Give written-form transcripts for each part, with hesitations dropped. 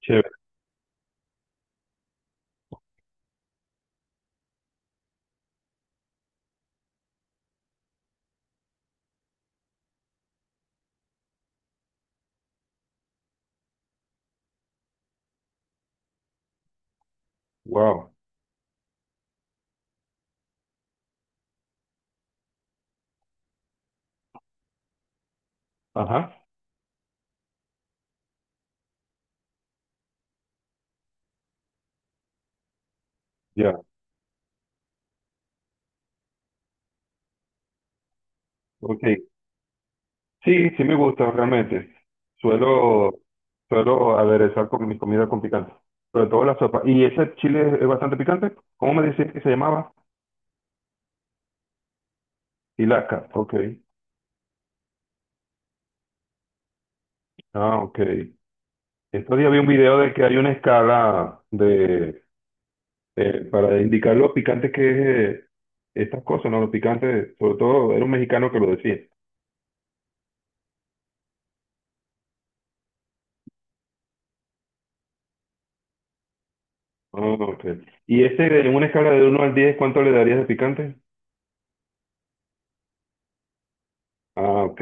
Chévere, wow. Ajá, ya, ok. Sí, sí me gusta realmente. Suelo, suelo aderezar con mi comida con picante, sobre todo la sopa. ¿Y ese chile es bastante picante? ¿Cómo me decías que se llamaba? Ilaca, ok. Ah, ok. Estos días vi un video de que hay una escala de, para indicar lo picante que es estas cosas, ¿no? Lo picante, sobre todo era un mexicano que lo decía. Ah, ok. ¿Y ese, en una escala de uno al 10 cuánto le darías de picante? Ah, ok.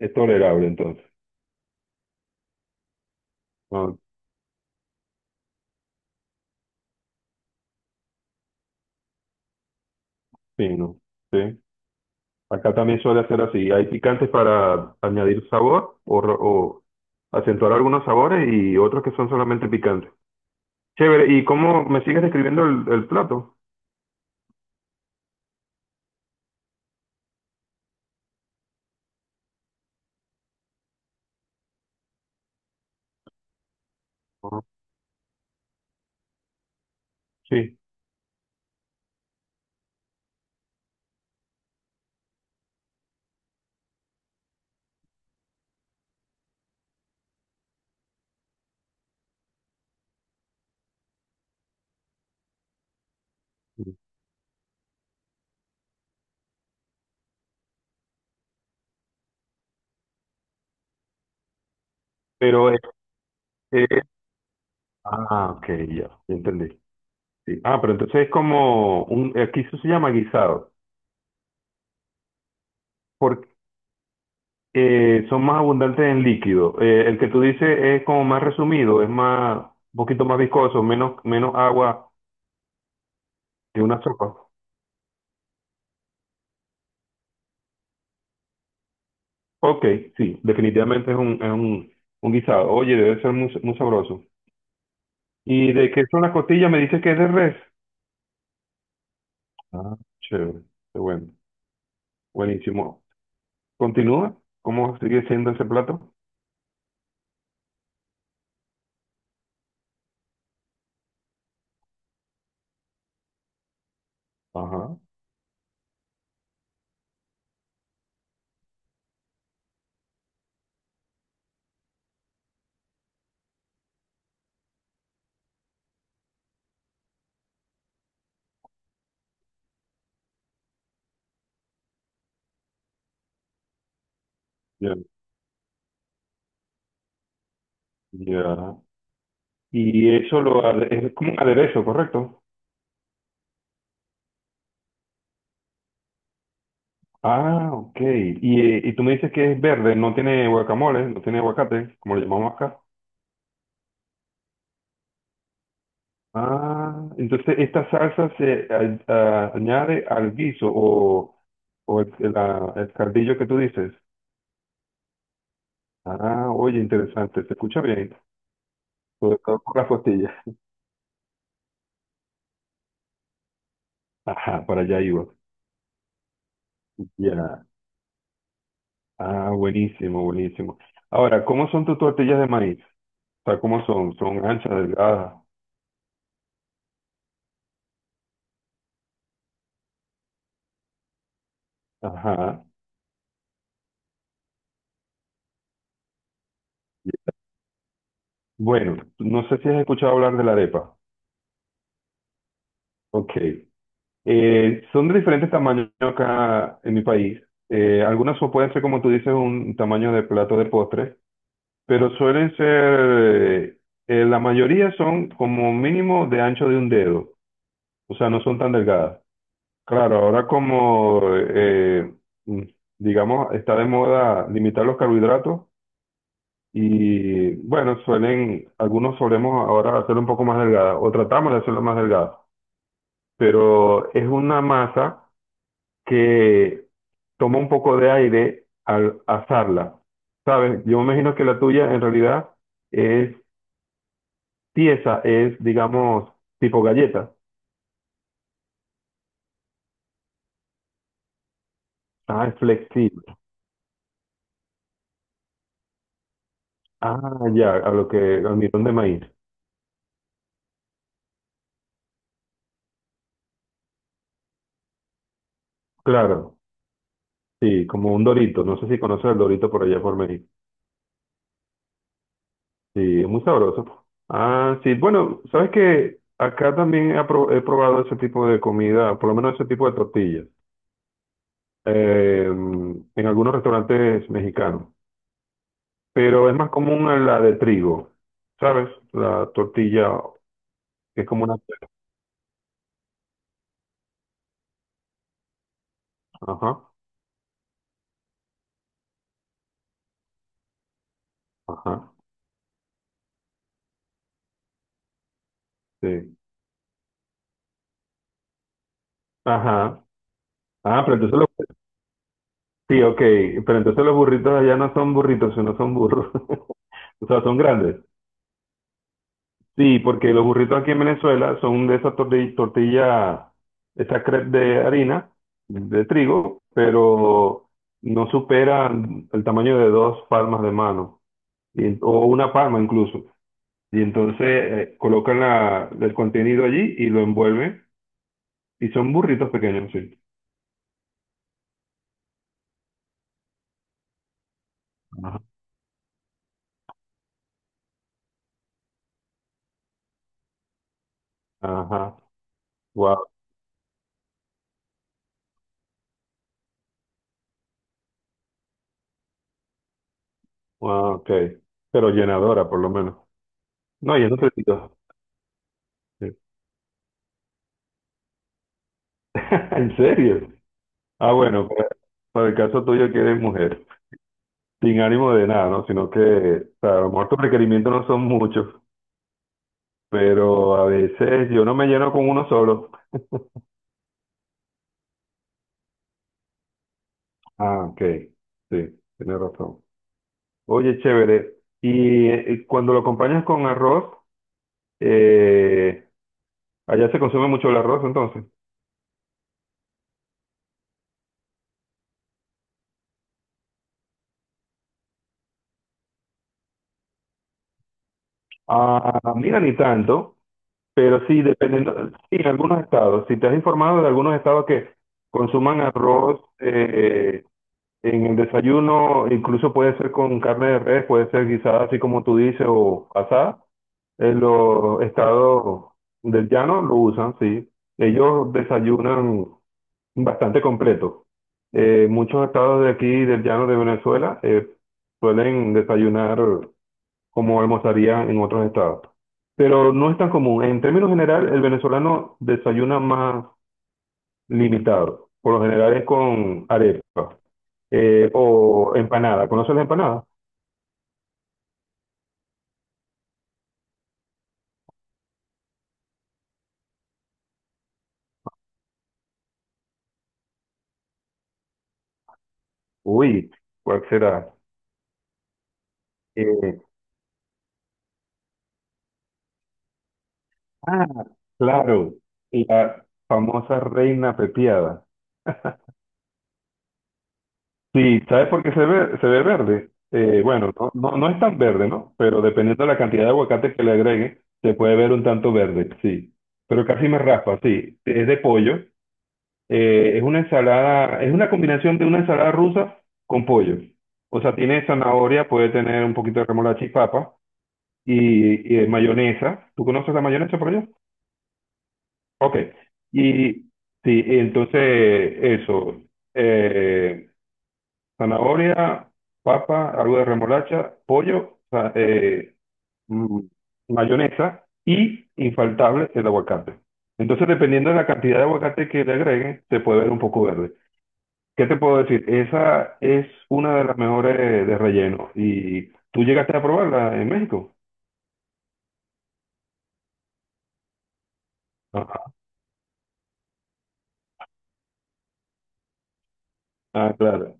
Es tolerable entonces. Ah, sí, no. Sí. Acá también suele hacer así. Hay picantes para añadir sabor o, o acentuar algunos sabores y otros que son solamente picantes. Chévere. ¿Y cómo me sigues describiendo el plato? Ah, sí. Pero es- Ah, ok, ya entendí. Sí. Ah, pero entonces es como un... Aquí eso se llama guisado. Son más abundantes en líquido. El que tú dices es como más resumido, un poquito más viscoso, menos agua que una sopa. Ok, sí, definitivamente es un guisado. Oye, debe ser muy, muy sabroso. ¿Y de qué son las costillas? Me dices que es de res. Ah, chévere, qué bueno, buenísimo. Continúa, ¿cómo sigue siendo ese plato? Ajá, ya, ya. Y eso es como un aderezo, ¿correcto? Ah, ok. Y tú me dices que es verde, no tiene guacamole, no tiene aguacate, como le llamamos acá. Ah, entonces esta salsa se añade al guiso o, el cardillo que tú dices. Ah, oye, interesante, se escucha bien, sobre todo por las costillas. Ajá, para allá iba. Ya. Ah, buenísimo, buenísimo. Ahora, ¿cómo son tus tortillas de maíz? O sea, ¿cómo son? ¿Son anchas, delgadas? Ajá. Bueno, no sé si has escuchado hablar de la arepa. Ok. Son de diferentes tamaños acá en mi país. Pueden ser, como tú dices, un tamaño de plato de postres, pero suelen ser, la mayoría son como mínimo de ancho de un dedo, o sea, no son tan delgadas. Claro, ahora como, mm, digamos, está de moda limitar los carbohidratos y bueno, suelen, algunos solemos ahora hacerlo un poco más delgada o tratamos de hacerlo más delgada, pero es una masa que toma un poco de aire al asarla. ¿Sabes? Yo me imagino que la tuya en realidad es tiesa, es, digamos, tipo galleta. Ah, es flexible. Ah, ya, a lo que, al mirón de maíz. Claro, sí, como un dorito. No sé si conoces el dorito por allá por México. Sí, es muy sabroso, pues. Ah, sí, bueno, sabes que acá también he probado ese tipo de comida, por lo menos ese tipo de tortillas, en algunos restaurantes mexicanos. Pero es más común en la de trigo, ¿sabes? La tortilla que es como una... Ajá, ajá, sí. Ajá. Ah, pero entonces los... Sí, ok, pero entonces los burritos allá no son burritos, sino son burros. O sea, son grandes. Sí, porque los burritos aquí en Venezuela son de esa tortilla, esa crepe de harina, de trigo, pero no superan el tamaño de dos palmas de mano, o una palma incluso. Y entonces colocan el contenido allí y lo envuelven. Y son burritos pequeños, sí. Ajá. Ajá. Wow. Wow, ok. Pero llenadora, por lo menos. No, y es nutritivo. Sí. ¿En serio? Ah, bueno, para el caso tuyo que eres mujer, sin ánimo de nada, ¿no? Sino que, o sea, a lo mejor tus requerimientos no son muchos, pero a veces yo no me lleno con uno solo. Ah, ok. Sí, tienes razón. Oye, chévere. Y cuando lo acompañas con arroz, eh, allá se consume mucho el arroz, entonces. Ah, mira, ni tanto, pero sí, dependiendo, sí, en algunos estados. Si te has informado de algunos estados que consuman arroz, en el desayuno, incluso puede ser con carne de res, puede ser guisada así como tú dices o asada. En los estados del llano lo usan, sí. Ellos desayunan bastante completo. Muchos estados de aquí, del llano de Venezuela, suelen desayunar como almorzarían en otros estados. Pero no es tan común. En términos general, el venezolano desayuna más limitado. Por lo general es con arepa. O empanada. ¿Conoces la empanada? Uy, ¿cuál será? Eh, ah, claro. La famosa reina pepiada. Sí, ¿sabes por qué se ve verde? Bueno, no es tan verde, ¿no? Pero dependiendo de la cantidad de aguacate que le agregue, se puede ver un tanto verde, sí. Pero casi me raspa, sí. Es de pollo. Es una ensalada, es una combinación de una ensalada rusa con pollo. O sea, tiene zanahoria, puede tener un poquito de remolacha y papa, y de mayonesa. ¿Tú conoces la mayonesa por allá? Ok. Y sí, entonces eso, eh, zanahoria, papa, algo de remolacha, pollo, mm, mayonesa y infaltable el aguacate. Entonces, dependiendo de la cantidad de aguacate que le agreguen, se puede ver un poco verde. ¿Qué te puedo decir? Esa es una de las mejores de relleno. ¿Y tú llegaste a probarla en México? Ajá. Ah, claro.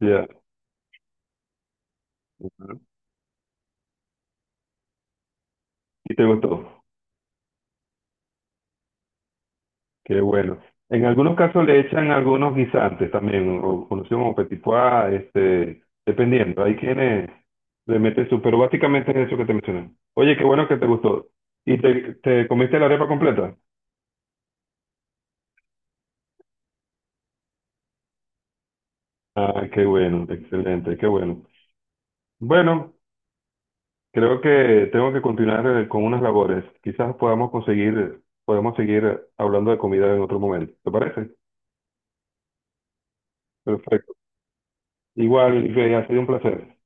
Ya. Y te gustó. Qué bueno. En algunos casos le echan algunos guisantes también, o conocidos como petit pois, este, dependiendo. Hay quienes le meten su, pero básicamente es eso que te mencioné. Oye, qué bueno que te gustó. ¿Y te comiste la arepa completa? Ah, qué bueno, excelente, qué bueno. Bueno, creo que tengo que continuar con unas labores. Quizás podamos conseguir, podemos seguir hablando de comida en otro momento. ¿Te parece? Perfecto. Igual, Rey, ha sido un placer.